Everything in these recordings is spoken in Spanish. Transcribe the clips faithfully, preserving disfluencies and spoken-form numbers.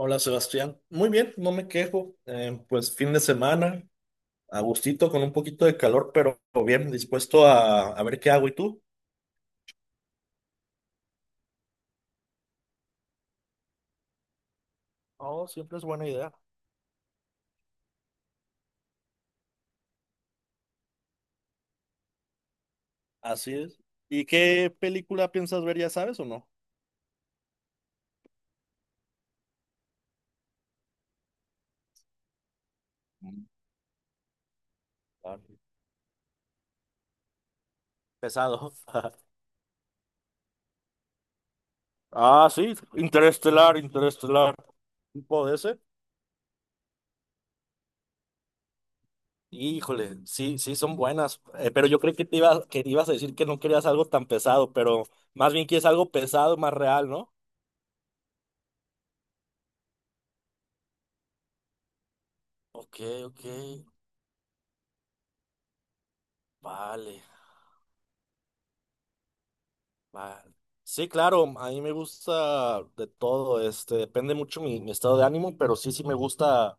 Hola Sebastián, muy bien, no me quejo. Eh, pues fin de semana, a gustito, con un poquito de calor, pero bien dispuesto a, a ver qué hago. ¿Y tú? Oh, siempre es buena idea. Así es. ¿Y qué película piensas ver, ya sabes o no? Mm. Ah. Pesado. Ah, sí, Interestelar, Interestelar. ¿Tipo de ese? Híjole, sí, sí, son buenas. Eh, pero yo creí que te ibas, que ibas a decir que no querías algo tan pesado, pero más bien quieres algo pesado, más real, ¿no? Ok, ok, vale. Vale. Sí, claro, a mí me gusta de todo, este, depende mucho mi, mi estado de ánimo, pero sí, sí me gusta,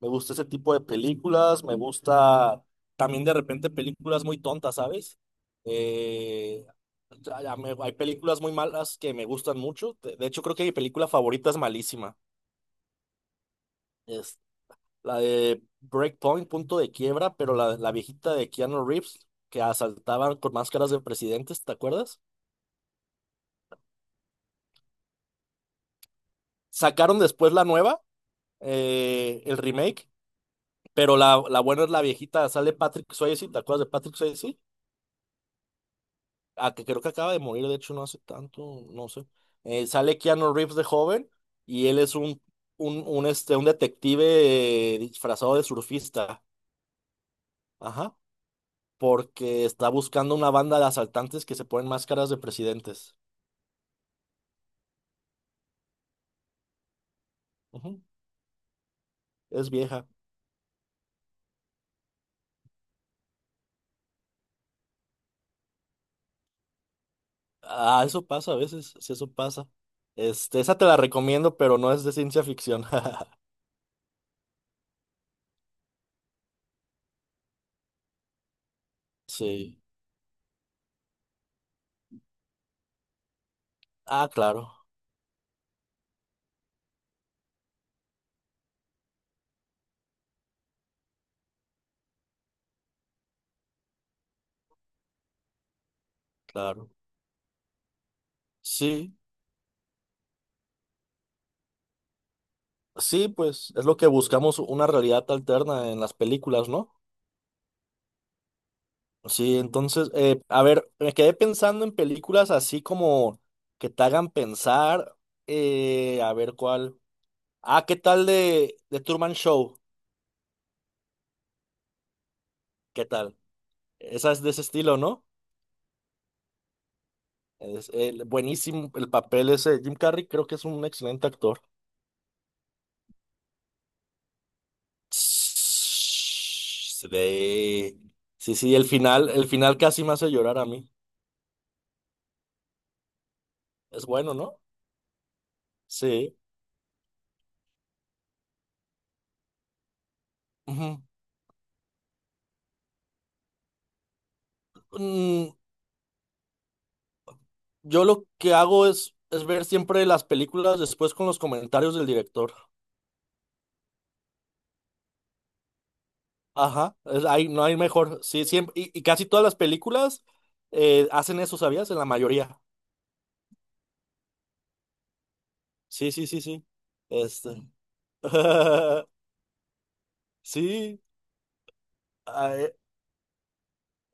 me gusta ese tipo de películas, me gusta también de repente películas muy tontas, ¿sabes? Eh, ya- ya me- hay películas muy malas que me gustan mucho, de, de hecho creo que mi película favorita es malísima, es la de Breakpoint, Punto de Quiebra, pero la, la viejita de Keanu Reeves, que asaltaban con máscaras de presidentes, ¿te acuerdas? Sacaron después la nueva, eh, el remake, pero la, la buena es la viejita, sale Patrick Swayze. ¿Te acuerdas de Patrick Swayze? Ah, que creo que acaba de morir, de hecho, no hace tanto, no sé. Eh, sale Keanu Reeves de joven y él es un, un, un, este, un detective eh, disfrazado de surfista, ajá, porque está buscando una banda de asaltantes que se ponen máscaras de presidentes. Ujú. Es vieja. Ah, eso pasa a veces, sí, eso pasa. Este, esa te la recomiendo, pero no es de ciencia ficción. Sí. Ah, claro. Claro. Sí, sí, pues es lo que buscamos, una realidad alterna en las películas, ¿no? Sí, entonces, eh, a ver, me quedé pensando en películas así como que te hagan pensar, eh, a ver cuál. Ah, ¿qué tal de, de Truman Show? ¿Qué tal? Esa es de ese estilo, ¿no? Es, eh, buenísimo el papel ese. Jim Carrey creo que es un excelente actor. Sí, sí, sí, el final, el final casi me hace llorar a mí. Es bueno, ¿no? Sí. Ujú. Mm, yo lo que hago es, es ver siempre las películas después con los comentarios del director. Ajá, es- hay- no hay mejor. Sí, siempre, y, y casi todas las películas eh, hacen eso, ¿sabías? En la mayoría. Sí, sí, sí, sí. Este. Sí, ah, eh,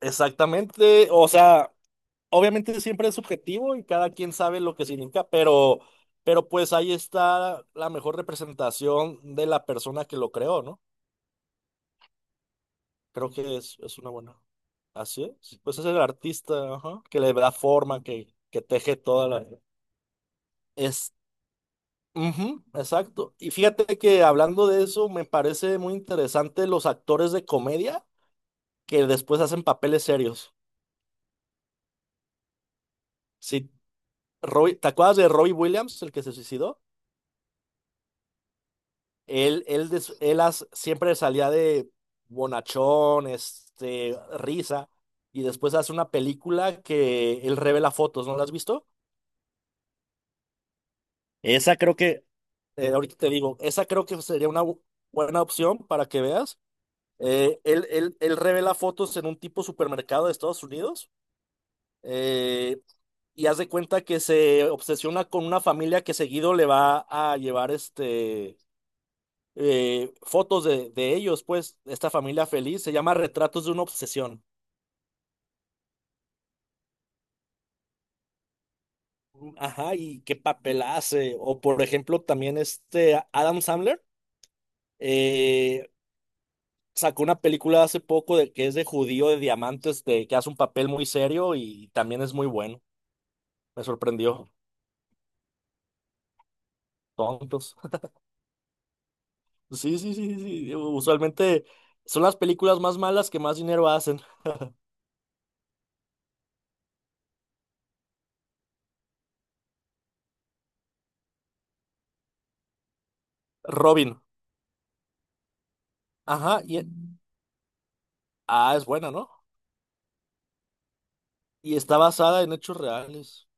exactamente. O sea, obviamente siempre es subjetivo y cada quien sabe lo que significa, pero, pero pues ahí está la mejor representación de la persona que lo creó, ¿no? Creo que es, es una buena. Así es. Pues es el artista, ajá, que le da forma, que, que teje toda la... Es... Ujú, exacto. Y fíjate que hablando de eso, me parece muy interesante los actores de comedia que después hacen papeles serios. Si Robbie- ¿Te acuerdas de Robbie Williams, el que se suicidó? Él, él, des- él as- siempre salía de bonachón, este, risa, y después hace una película que él revela fotos, ¿no la has visto? Esa creo que Eh, ahorita te digo, esa creo que sería una bu- buena opción para que veas. Eh, él, él- él revela fotos en un tipo supermercado de Estados Unidos eh, y haz de cuenta que se obsesiona con una familia que seguido le va a llevar este, eh, fotos de, de ellos, pues, esta familia feliz. Se llama Retratos de una obsesión. Ajá, y qué papel hace. O por ejemplo, también este Adam Sandler. eh, Sacó una película hace poco de que es de judío de diamantes, de, que hace un papel muy serio y también es muy bueno. Me sorprendió. Tontos. Sí, sí, sí, sí. Usualmente son las películas más malas que más dinero hacen. Robin. Ajá. Y, ah, es buena, ¿no? Y está basada en hechos reales.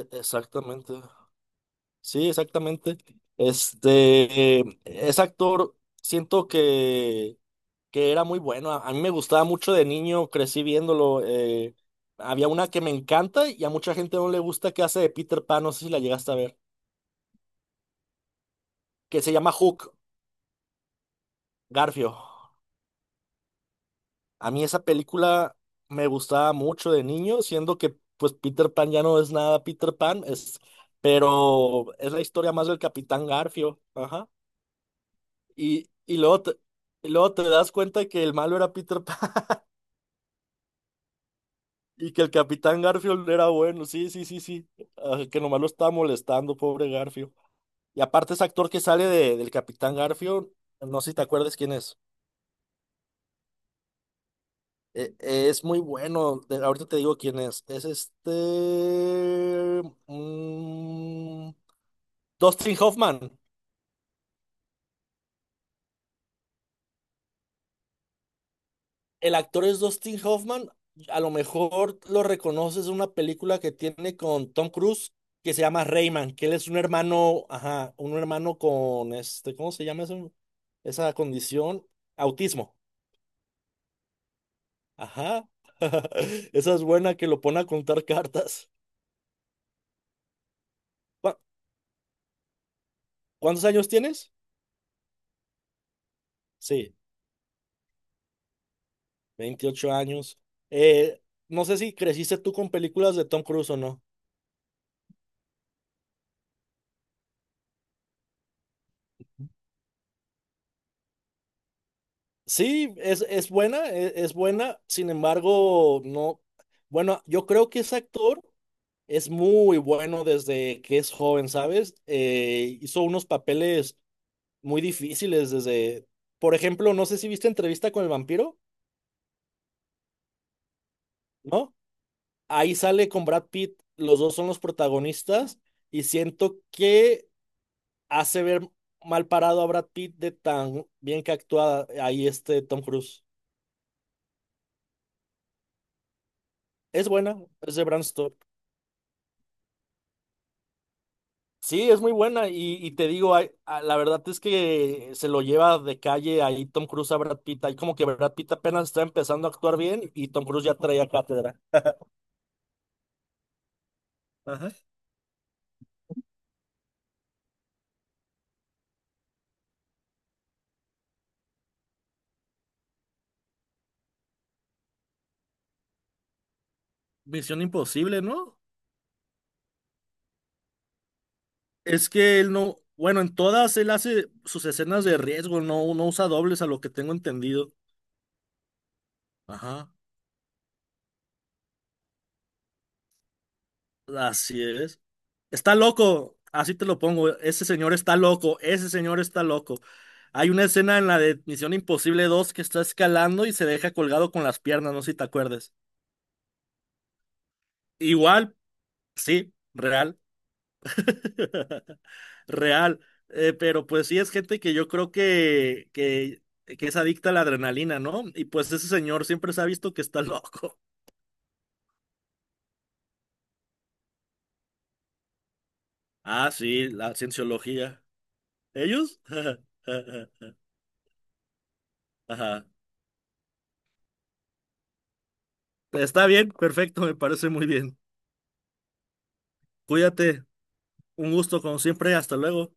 E- exactamente. Sí, exactamente. Este, eh, ese actor, siento que que era muy bueno. A, a mí me gustaba mucho de niño, crecí viéndolo. Eh, había una que me encanta y a mucha gente no le gusta que hace de Peter Pan, no sé si la llegaste a ver, que se llama Hook, Garfio. A mí esa película me gustaba mucho de niño, siendo que pues Peter Pan ya no es nada Peter Pan, es, pero es la historia más del Capitán Garfio. Ajá. Y, y luego te, y luego te das cuenta que el malo era Peter Pan. Y que el Capitán Garfield era bueno, sí, sí, sí, sí. Ah, que nomás lo está molestando, pobre Garfield. Y aparte ese actor que sale de, del Capitán Garfield, no sé si te acuerdas quién es. Eh, eh, es muy bueno, de- ahorita te digo quién es. Es este... mm, Dustin Hoffman. El actor es Dustin Hoffman. A lo mejor lo reconoces en una película que tiene con Tom Cruise que se llama Rayman, que él es un hermano, ajá, un hermano con este, ¿cómo se llama eso? Esa condición, autismo. Ajá. Esa es buena, que lo pone a contar cartas. Cu- ¿Cuántos años tienes? Sí, veintiocho años. Eh, no sé si creciste tú con películas de Tom Cruise o no. Sí, es, es buena, e- es, buena, sin embargo, no. Bueno, yo creo que ese actor es muy bueno desde que es joven, ¿sabes? Eh, hizo unos papeles muy difíciles desde, por ejemplo, no sé si viste Entrevista con el vampiro, ¿no? Ahí sale con Brad Pitt, los dos son los protagonistas y siento que hace ver mal parado a Brad Pitt de tan bien que actúa ahí este Tom Cruise. Es buena, es de Bram Stoker. Sí, es muy buena y, y te digo, hay- a- la verdad es que se lo lleva de calle ahí Tom Cruise a Brad Pitt. Ahí como que Brad Pitt apenas está empezando a actuar bien y Tom Cruise ya traía cátedra. Ajá. Misión Imposible, ¿no? Es que él no, bueno, en todas él hace sus escenas de riesgo, no, no usa dobles a lo que tengo entendido. Ajá, así es. Está loco, así te lo pongo, ese señor está loco, ese señor está loco. Hay una escena en la de Misión Imposible dos que está escalando y se deja colgado con las piernas, no sé si te acuerdas. Igual, sí, real. Real. Eh, pero pues sí es gente que yo creo que, que, que es adicta a la adrenalina, ¿no? Y pues ese señor siempre se ha visto que está loco. Ah, sí, la cienciología. ¿Ellos? Ajá. Está bien, perfecto, me parece muy bien. Cuídate. Un gusto, como siempre, hasta luego.